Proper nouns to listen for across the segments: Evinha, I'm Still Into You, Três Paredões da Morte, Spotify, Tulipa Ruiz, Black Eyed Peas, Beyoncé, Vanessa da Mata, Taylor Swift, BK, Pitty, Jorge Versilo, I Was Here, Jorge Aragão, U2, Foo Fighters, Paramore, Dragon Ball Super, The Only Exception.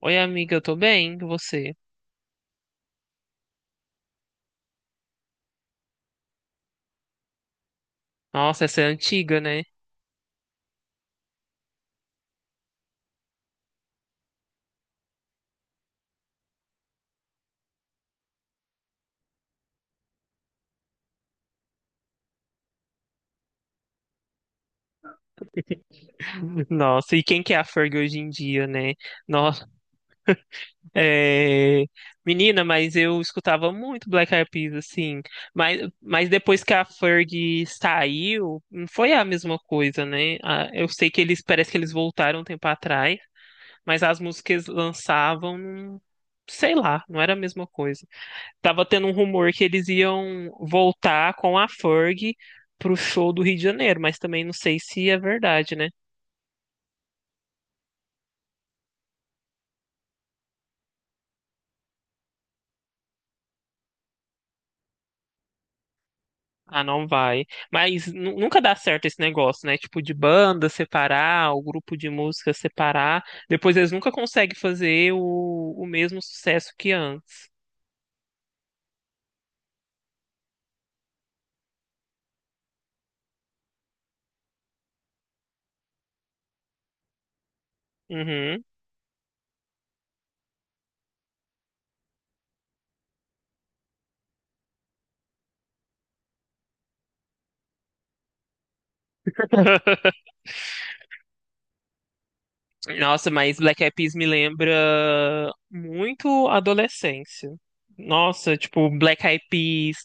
Oi, amiga, eu tô bem, e você? Nossa, essa é antiga, né? Nossa, e quem que é a Ferg hoje em dia, né? Nossa, é... Menina, mas eu escutava muito Black Eyed Peas, assim, mas depois que a Ferg saiu, não foi a mesma coisa, né? Ah, eu sei que eles, parece que eles voltaram um tempo atrás, mas as músicas lançavam, sei lá, não era a mesma coisa. Tava tendo um rumor que eles iam voltar com a Ferg pro show do Rio de Janeiro, mas também não sei se é verdade, né? Ah, não vai. Mas nunca dá certo esse negócio, né? Tipo, de banda separar, o grupo de música separar. Depois eles nunca conseguem fazer o mesmo sucesso que antes. Uhum. Nossa, mas Black Eyed Peas me lembra muito a adolescência. Nossa, tipo, Black Eyed Peas,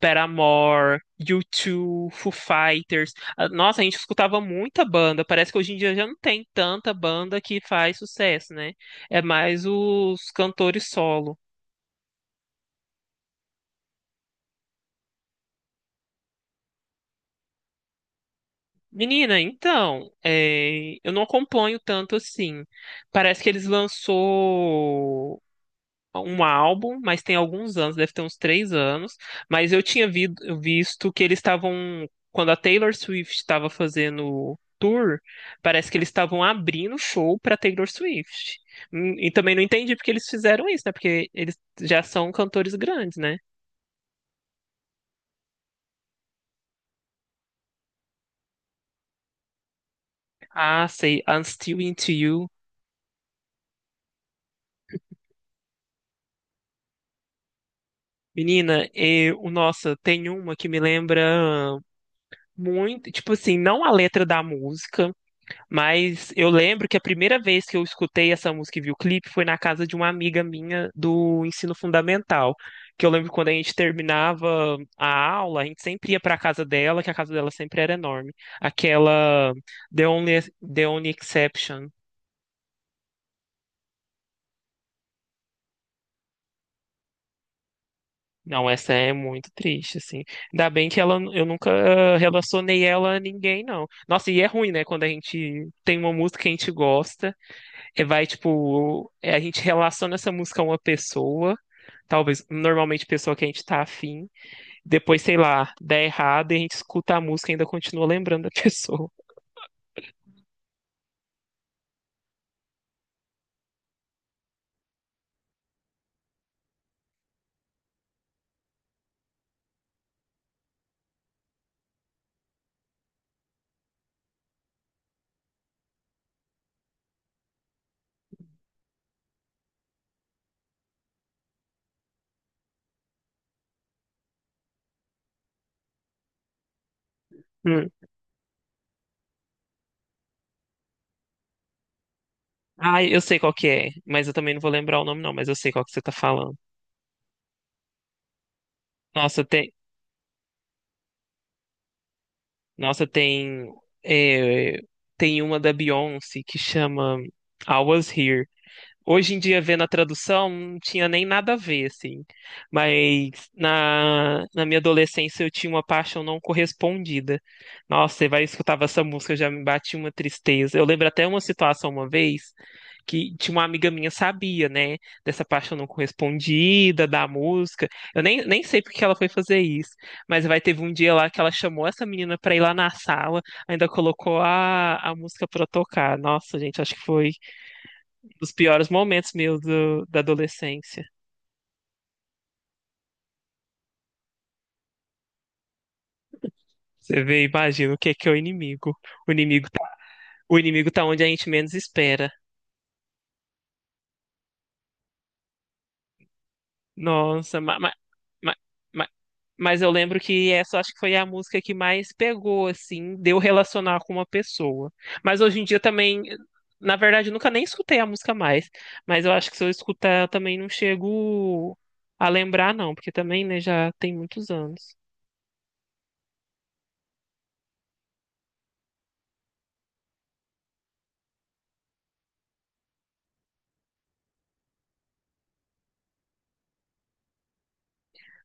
Paramore, U2, Foo Fighters. Ah, nossa, a gente escutava muita banda. Parece que hoje em dia já não tem tanta banda que faz sucesso, né? É mais os cantores solo. Menina, então, eu não acompanho tanto assim. Parece que eles lançou um álbum, mas tem alguns anos, deve ter uns três anos. Mas eu tinha visto que eles estavam, quando a Taylor Swift estava fazendo tour, parece que eles estavam abrindo show para Taylor Swift. E também não entendi porque eles fizeram isso, né? Porque eles já são cantores grandes, né? Ah, sei, I'm Still Into You. Menina, nossa, tem uma que me lembra muito, tipo assim, não a letra da música, mas eu lembro que a primeira vez que eu escutei essa música e vi o clipe foi na casa de uma amiga minha do ensino fundamental. Que eu lembro que quando a gente terminava a aula, a gente sempre ia para a casa dela, que a casa dela sempre era enorme. Aquela The Only, The Only Exception. Não, essa é muito triste, assim. Ainda bem que ela, eu nunca relacionei ela a ninguém, não. Nossa, e é ruim, né? Quando a gente tem uma música que a gente gosta. A gente relaciona essa música a uma pessoa, talvez, normalmente pessoa que a gente tá afim, depois, sei lá, dá errado e a gente escuta a música e ainda continua lembrando da pessoa. Hum. Ah, eu sei qual que é, mas eu também não vou lembrar o nome, não, mas eu sei qual que você tá falando. Nossa, tem, Nossa, tem, é, Tem uma da Beyoncé que chama I Was Here. Hoje em dia, vendo a tradução, não tinha nem nada a ver, assim. Mas na minha adolescência eu tinha uma paixão não correspondida. Nossa, você vai escutar essa música, já me bate uma tristeza. Eu lembro até uma situação uma vez que tinha uma amiga minha sabia, né, dessa paixão não correspondida, da música. Eu nem sei porque ela foi fazer isso, mas vai teve um dia lá que ela chamou essa menina pra ir lá na sala, ainda colocou a música pra tocar. Nossa, gente, acho que foi dos piores momentos meus da adolescência. Você vê, e imagina o que é o inimigo. O inimigo tá, o inimigo tá onde a gente menos espera. Nossa, mas, mas eu lembro que essa acho que foi a música que mais pegou, assim, deu relacionar com uma pessoa. Mas hoje em dia também, na verdade, eu nunca nem escutei a música mais. Mas eu acho que se eu escutar, eu também não chego a lembrar, não, porque também, né, já tem muitos anos.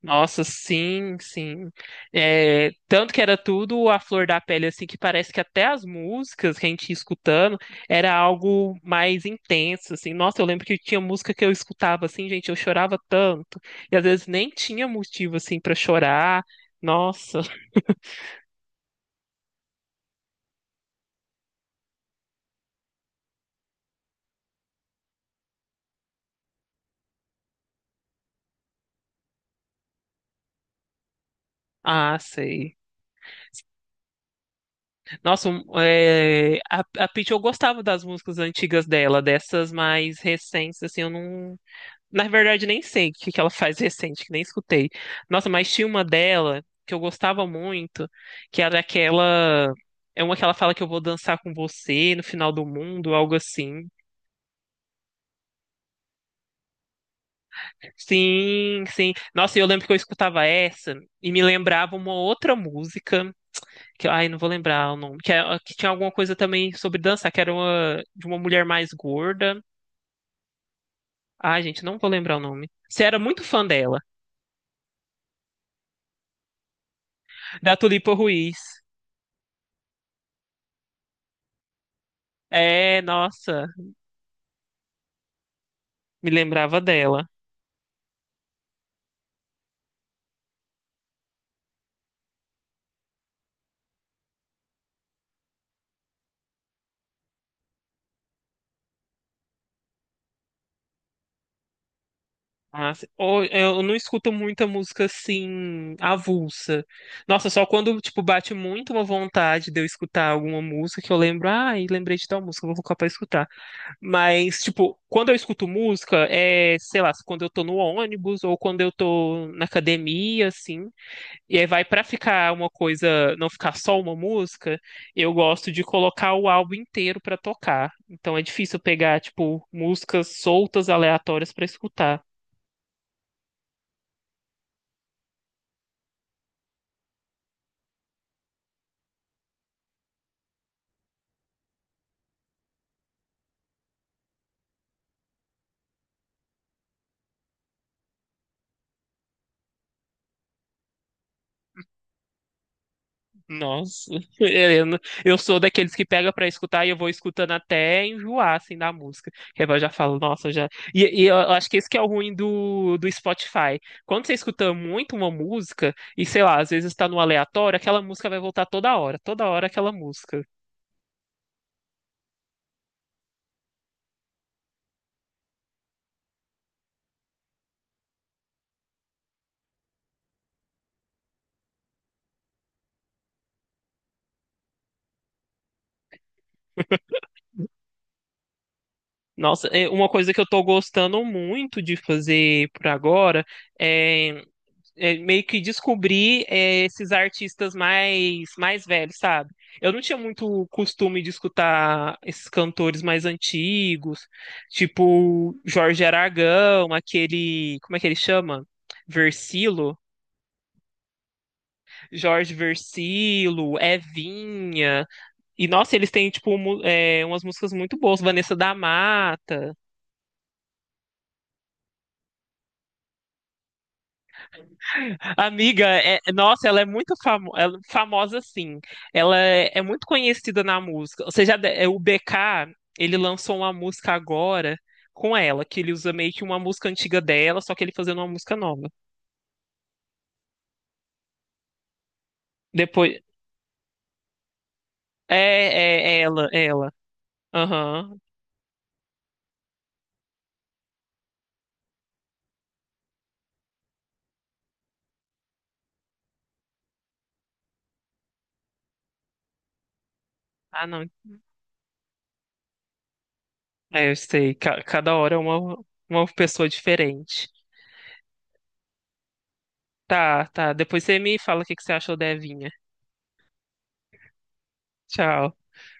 Nossa, sim, sim. É, tanto que era tudo a flor da pele, assim, que parece que até as músicas que a gente ia escutando era algo mais intenso, assim. Nossa, eu lembro que tinha música que eu escutava, assim, gente, eu chorava tanto. E às vezes nem tinha motivo, assim, para chorar. Nossa, ah, sei. Nossa, a Pitty, eu gostava das músicas antigas dela, dessas mais recentes, assim, eu não. Na verdade, nem sei o que que ela faz recente, que nem escutei. Nossa, mas tinha uma dela que eu gostava muito, que era aquela. É uma que ela fala que eu vou dançar com você no final do mundo, algo assim. Sim, sim. Nossa, e eu lembro que eu escutava essa e me lembrava uma outra música, que ai, não vou lembrar o nome, que tinha alguma coisa também sobre dançar, que era uma, de uma mulher mais gorda. Ai, gente, não vou lembrar o nome. Você era muito fã dela, da Tulipa Ruiz. É, nossa. Me lembrava dela. Eu não escuto muita música assim, avulsa. Nossa, só quando, tipo, bate muito uma vontade de eu escutar alguma música que eu lembro, ai, lembrei de tal música, vou colocar pra escutar. Mas, tipo, quando eu escuto música, sei lá, quando eu tô no ônibus ou quando eu tô na academia, assim. E aí vai para ficar uma coisa, não ficar só uma música, eu gosto de colocar o álbum inteiro para tocar. Então é difícil pegar tipo músicas soltas aleatórias para escutar. Nossa, Helena, eu sou daqueles que pega para escutar e eu vou escutando até enjoar assim da música. Que aí eu já falo, nossa, já. E eu acho que esse que é o ruim do Spotify. Quando você escuta muito uma música e sei lá, às vezes está no aleatório, aquela música vai voltar toda hora aquela música. Nossa, é uma coisa que eu tô gostando muito de fazer por agora é, é meio que descobrir esses artistas mais velhos, sabe? Eu não tinha muito costume de escutar esses cantores mais antigos, tipo Jorge Aragão, aquele, como é que ele chama? Versilo, Jorge Versilo, Evinha. E nossa, eles têm tipo umas músicas muito boas, Vanessa da Mata. Amiga, nossa, ela é muito é famosa, sim. Ela é muito conhecida na música. Ou seja, o BK, ele lançou uma música agora com ela, que ele usa meio que uma música antiga dela, só que ele fazendo uma música nova. Depois. É ela, é ela. Aham. Ah, não. É, eu sei. Cada hora é uma pessoa diferente. Tá, tá. Depois você me fala o que que você achou da Evinha. Tchau.